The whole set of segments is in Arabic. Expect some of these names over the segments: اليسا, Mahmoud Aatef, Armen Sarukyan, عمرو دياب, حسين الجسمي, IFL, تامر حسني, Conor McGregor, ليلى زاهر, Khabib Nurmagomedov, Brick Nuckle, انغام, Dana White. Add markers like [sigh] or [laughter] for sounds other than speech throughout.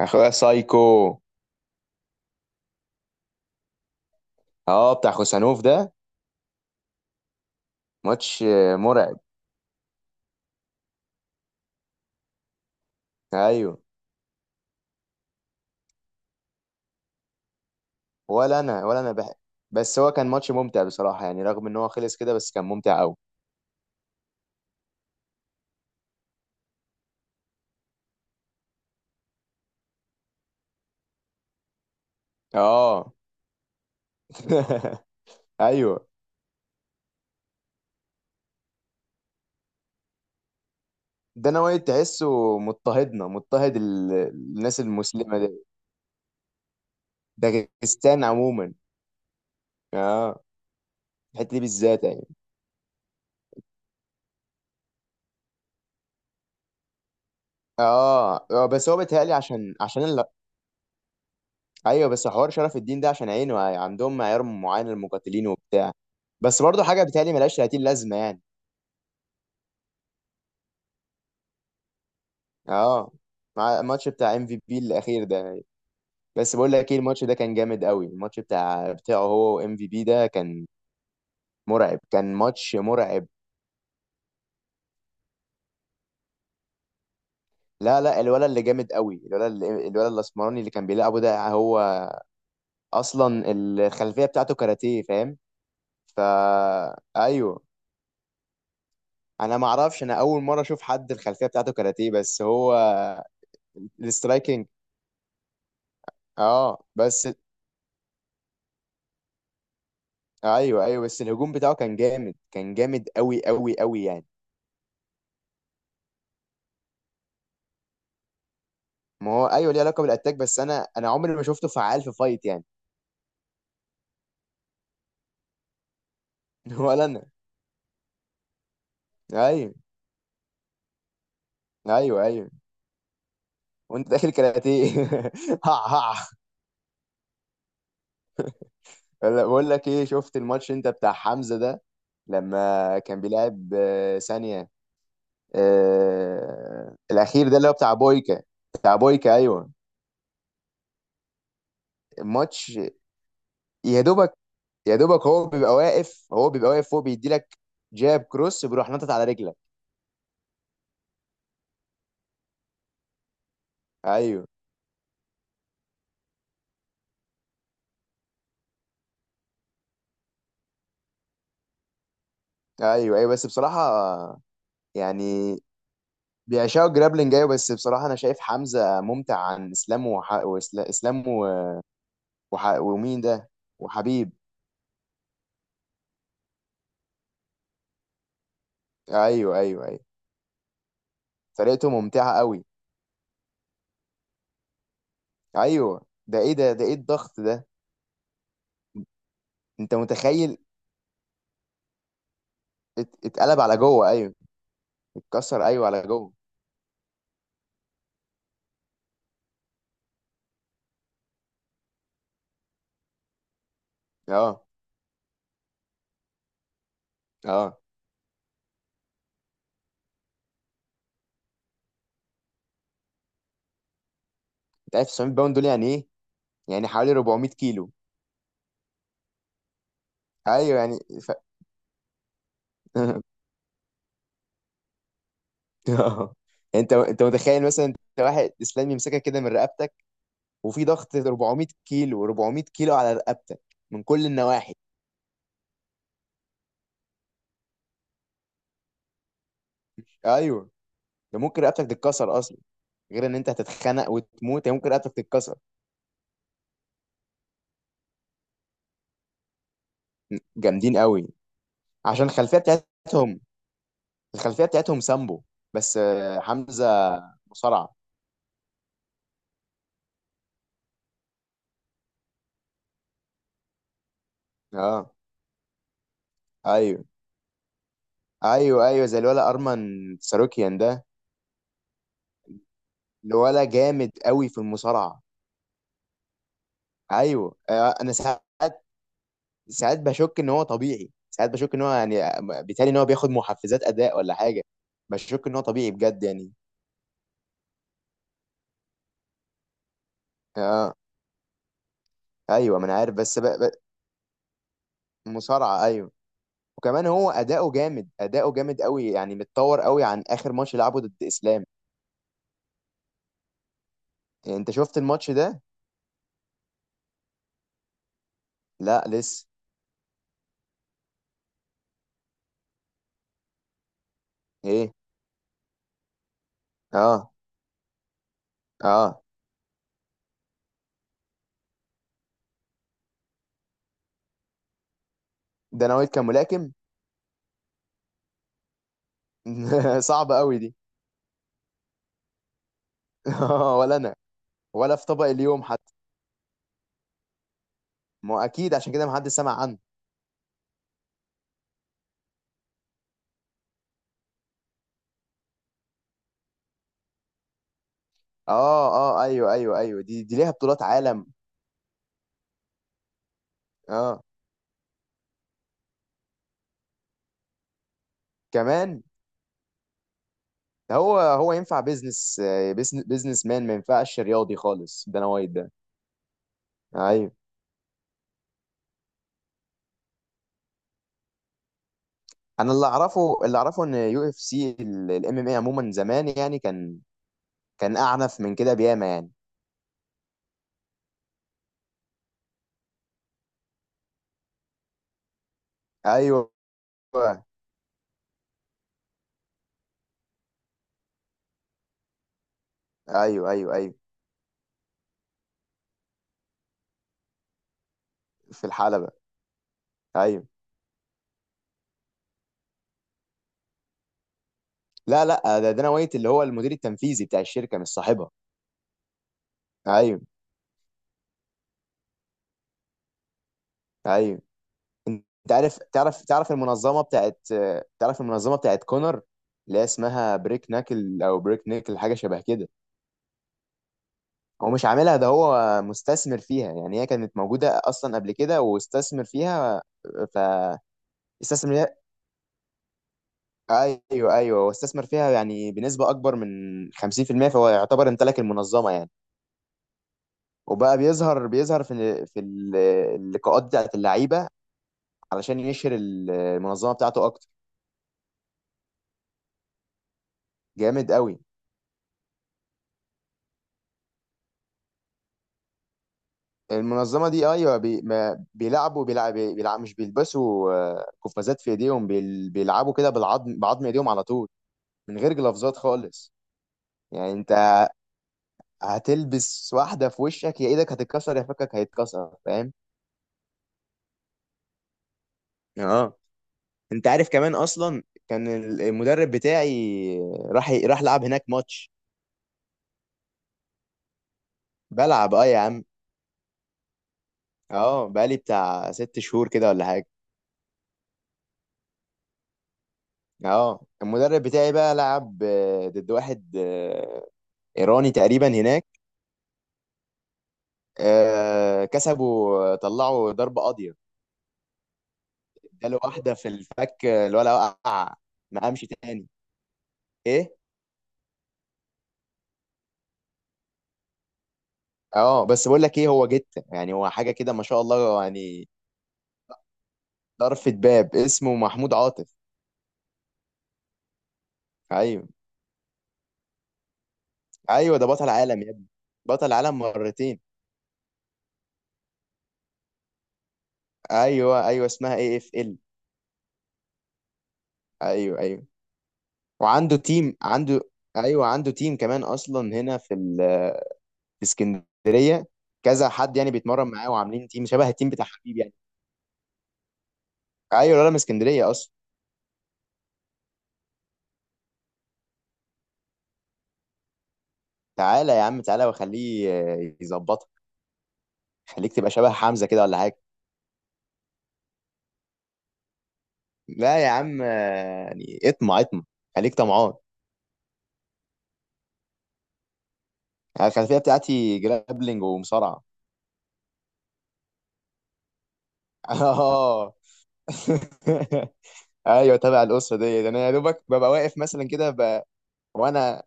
اخويا سايكو. اه، بتاع خوسانوف ده. ماتش مرعب. ايوه. ولا انا ولا انا بح... بس هو كان ماتش ممتع بصراحه، يعني رغم ان هو خلص كده بس كان ممتع قوي. اه. [laughs] ايوه. ده انا وايد تحسه مضطهدنا، مضطهد الناس المسلمه دي. داغستان عموما. اه، الحته دي بالذات يعني. اه، بس هو بيتهيألي عشان ايوه. بس حوار شرف الدين ده عشان عينه، عندهم معيار معين للمقاتلين وبتاع. بس برضه حاجه بيتهيألي ملهاش 30 لازمه يعني. اه، مع الماتش بتاع ام في بي الاخير ده. بس بقول لك ايه، الماتش ده كان جامد قوي. الماتش بتاع بتاعه هو وام في بي ده كان مرعب، كان ماتش مرعب. لا لا، الولد اللي جامد قوي، الولد الاسمراني اللي كان بيلعبه ده، هو اصلا الخلفيه بتاعته كاراتيه، فاهم. فا ايوه. ما اعرفش، انا اول مره اشوف حد الخلفيه بتاعته كاراتيه، بس هو الاسترايكنج. اه بس، ايوه ايوه، بس الهجوم بتاعه كان جامد، كان جامد قوي قوي قوي يعني. ما هو ايوه، ليه علاقه بالاتاك، بس انا عمري ما شفته فعال في فايت يعني. [laughs] ولا انا. ايوه ايوه ايوه. وانت داخل كاراتيه؟ [laughs] ها ها. بقول لك ايه، شفت الماتش انت بتاع حمزه ده؟ لما كان بيلعب ثانيه، الاخير ده اللي هو بتاع بويكا. بتاع بويكا، ايوه. الماتش يا دوبك، يا دوبك هو بيبقى واقف، هو بيبقى واقف، هو بيدي لك جاب كروس، بيروح نطط على رجلك. ايوه ايوه ايوه. بس بصراحه يعني، بيعشقوا جرابلينج، ايوه. بس بصراحه انا شايف حمزه ممتع عن اسلام وح... وإسلا- اسلام و... وح... ومين ده؟ وحبيب. ايوه ايوه ايوه. طريقته ممتعه قوي. ايوه ده ايه ده ايه الضغط ده؟ انت متخيل؟ اتقلب على جوه، ايوه. اتكسر، ايوه، على جوه. اه اه. انت عارف 900 باوند دول يعني ايه؟ يعني حوالي 400 كيلو. ايوه يعني ف... [laughs] آه. انت متخيل مثلا انت واحد اسلام يمسكك كده من رقبتك، وفي ضغط 400 كيلو، 400 كيلو على رقبتك، من كل النواحي. ايوه، ده ممكن رقبتك تتكسر اصلا، غير ان انت هتتخنق وتموت، هي ممكن رقبتك تتكسر. جامدين قوي، عشان الخلفيه بتاعتهم. الخلفيه بتاعتهم سامبو، بس حمزه مصارعه. اه ايوه ايوه ايوه، زي الولا ارمن ساروكيان ده. الولا جامد قوي في المصارعه. ايوه، انا ساعات، ساعات بشك ان هو طبيعي، ساعات بشك ان هو يعني، بالتالي ان هو بياخد محفزات اداء ولا حاجه. بشك ان هو طبيعي بجد يعني. اه. ايوه، ما انا عارف بس مصارعه ايوه. وكمان هو اداؤه جامد، اداؤه جامد قوي يعني، متطور قوي عن اخر ماتش لعبه ضد اسلام. يعني انت شفت الماتش ده؟ لا لسه. ايه. اه اه. ده انا وائل كان ملاكم. [laughs] صعب قوي دي. [laughs] ولا انا. ولا في طبق اليوم حتى. ما هو اكيد عشان كده ما حدش سمع عنه. اه اه ايوه ايوه ايوه، دي دي ليها بطولات عالم. اه كمان. هو ينفع بيزنس، بيزنس مان، ما ينفعش رياضي خالص دانا وايت ده. ايوه. انا اللي اعرفه، اللي اعرفه ان يو اف سي، الام ام اي عموما زمان يعني كان، كان اعنف من كده بياما يعني. ايوه ايوه ايوه. ايوه، في الحلبة. ايوه. لا لا، ده دانا وايت اللي هو المدير التنفيذي بتاع الشركة، مش صاحبها. ايوه ايوه. انت عارف، تعرف المنظمة بتاعت، تعرف المنظمة بتاعت كونر، اللي هي اسمها بريك ناكل او بريك نيكل، حاجة شبه كده؟ هو مش عاملها، ده هو مستثمر فيها، يعني هي كانت موجودة أصلا قبل كده واستثمر فيها، ف... استثمر فيها. أيوه أيوه، هو استثمر فيها يعني بنسبة أكبر من 50%، فهو يعتبر امتلك المنظمة يعني. وبقى بيظهر، اللقاءات بتاعت اللعيبة، علشان يشهر المنظمة بتاعته أكتر. جامد قوي. المنظمة دي، أيوه بي، ما بيلعبوا، بيلعب، مش بيلبسوا قفازات في إيديهم، بيلعبوا كده بالعظم، بعظم إيديهم على طول، من غير جلافزات خالص. يعني انت هتلبس واحده في وشك، يا ايدك هتتكسر يا فكك هيتكسر، فاهم. اه. انت عارف كمان، اصلا كان المدرب بتاعي راح لعب هناك ماتش. بلعب اه يا عم. اه بقالي بتاع ست شهور كده ولا حاجه. اه المدرب بتاعي بقى لعب ضد واحد ايراني تقريبا هناك. كسبوا، طلعوا ضربه قاضيه. اداله واحده في الفك، الولا وقع، ما قامش تاني. ايه. اه بس بقول لك ايه، هو جته يعني، هو حاجه كده ما شاء الله يعني. طرفة باب اسمه محمود عاطف. ايوه ايوه، ده بطل عالم يا ابني، بطل عالم مرتين. ايوه ايوه، اسمها اي اف ال. ايوه ايوه. وعنده تيم، عنده، ايوه عنده تيم كمان اصلا هنا في اسكندريه. كذا حد يعني بيتمرن معاه، وعاملين تيم شبه التيم بتاع حبيب يعني. ايوه، الولد من اسكندريه اصلا. تعالى يا عم، تعالى واخليه يظبطك. خليك تبقى شبه حمزه كده ولا حاجه. لا يا عم، يعني اطمع، اطمع، خليك طمعان. أنا الخلفيه بتاعتي جرابلنج ومصارعه. [laughs] اه. [laughs] ايوه، تابع الاسره دي، ده انا يا دوبك ببقى واقف مثلا كده وانا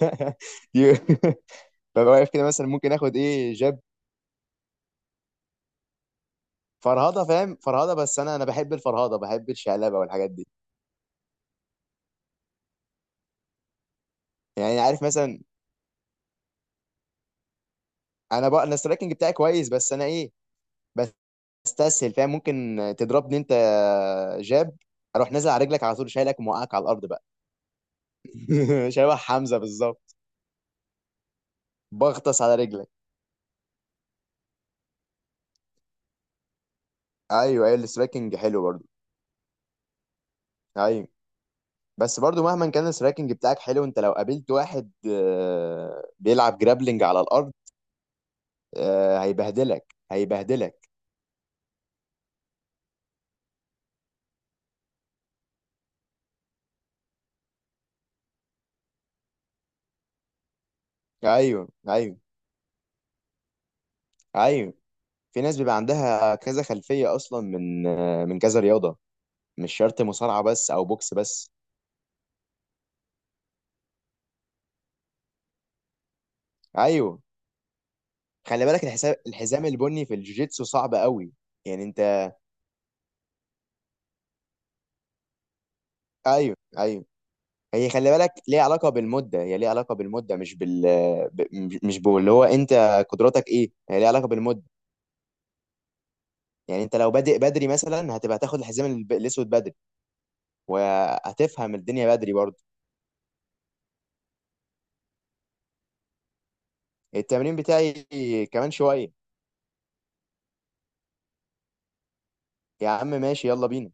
[laughs] يو- ببقى واقف كده مثلا، ممكن اخد ايه، جاب. فرهضه فاهم، فرهضه. بس انا بحب الفرهضه، بحب الشقلبه والحاجات دي. يعني عارف مثلا، انا السترايكنج بتاعي كويس، بس انا ايه، بستسهل فاهم. ممكن تضربني انت جاب، اروح نازل على رجلك على طول، شايلك وموقعك على الارض بقى. [laughs] شبه حمزة بالظبط. بغطس على رجلك. ايوه ايوه، السراكنج حلو برضو. ايوه، بس برضو مهما كان السراكنج بتاعك حلو، انت لو قابلت واحد بيلعب جرابلنج على الارض، هيبهدلك هيبهدلك. ايوه ايوه ايوه. في ناس بيبقى عندها كذا خلفية اصلا من من كذا رياضة، مش شرط مصارعة بس او بوكس بس. ايوه، خلي بالك الحساب، الحزام البني في الجوجيتسو صعب قوي، يعني انت. ايوه ايوه. هي خلي بالك ليها علاقة بالمدة، هي ليها علاقة بالمدة، مش بال، ب... مش مش باللي هو انت قدراتك ايه، هي ليها علاقة بالمدة. يعني انت لو بادئ بدري مثلا، هتبقى تاخد الحزام الاسود بدري، وهتفهم الدنيا بدري برضه. التمرين بتاعي كمان شوية. يا عم ماشي يلا بينا.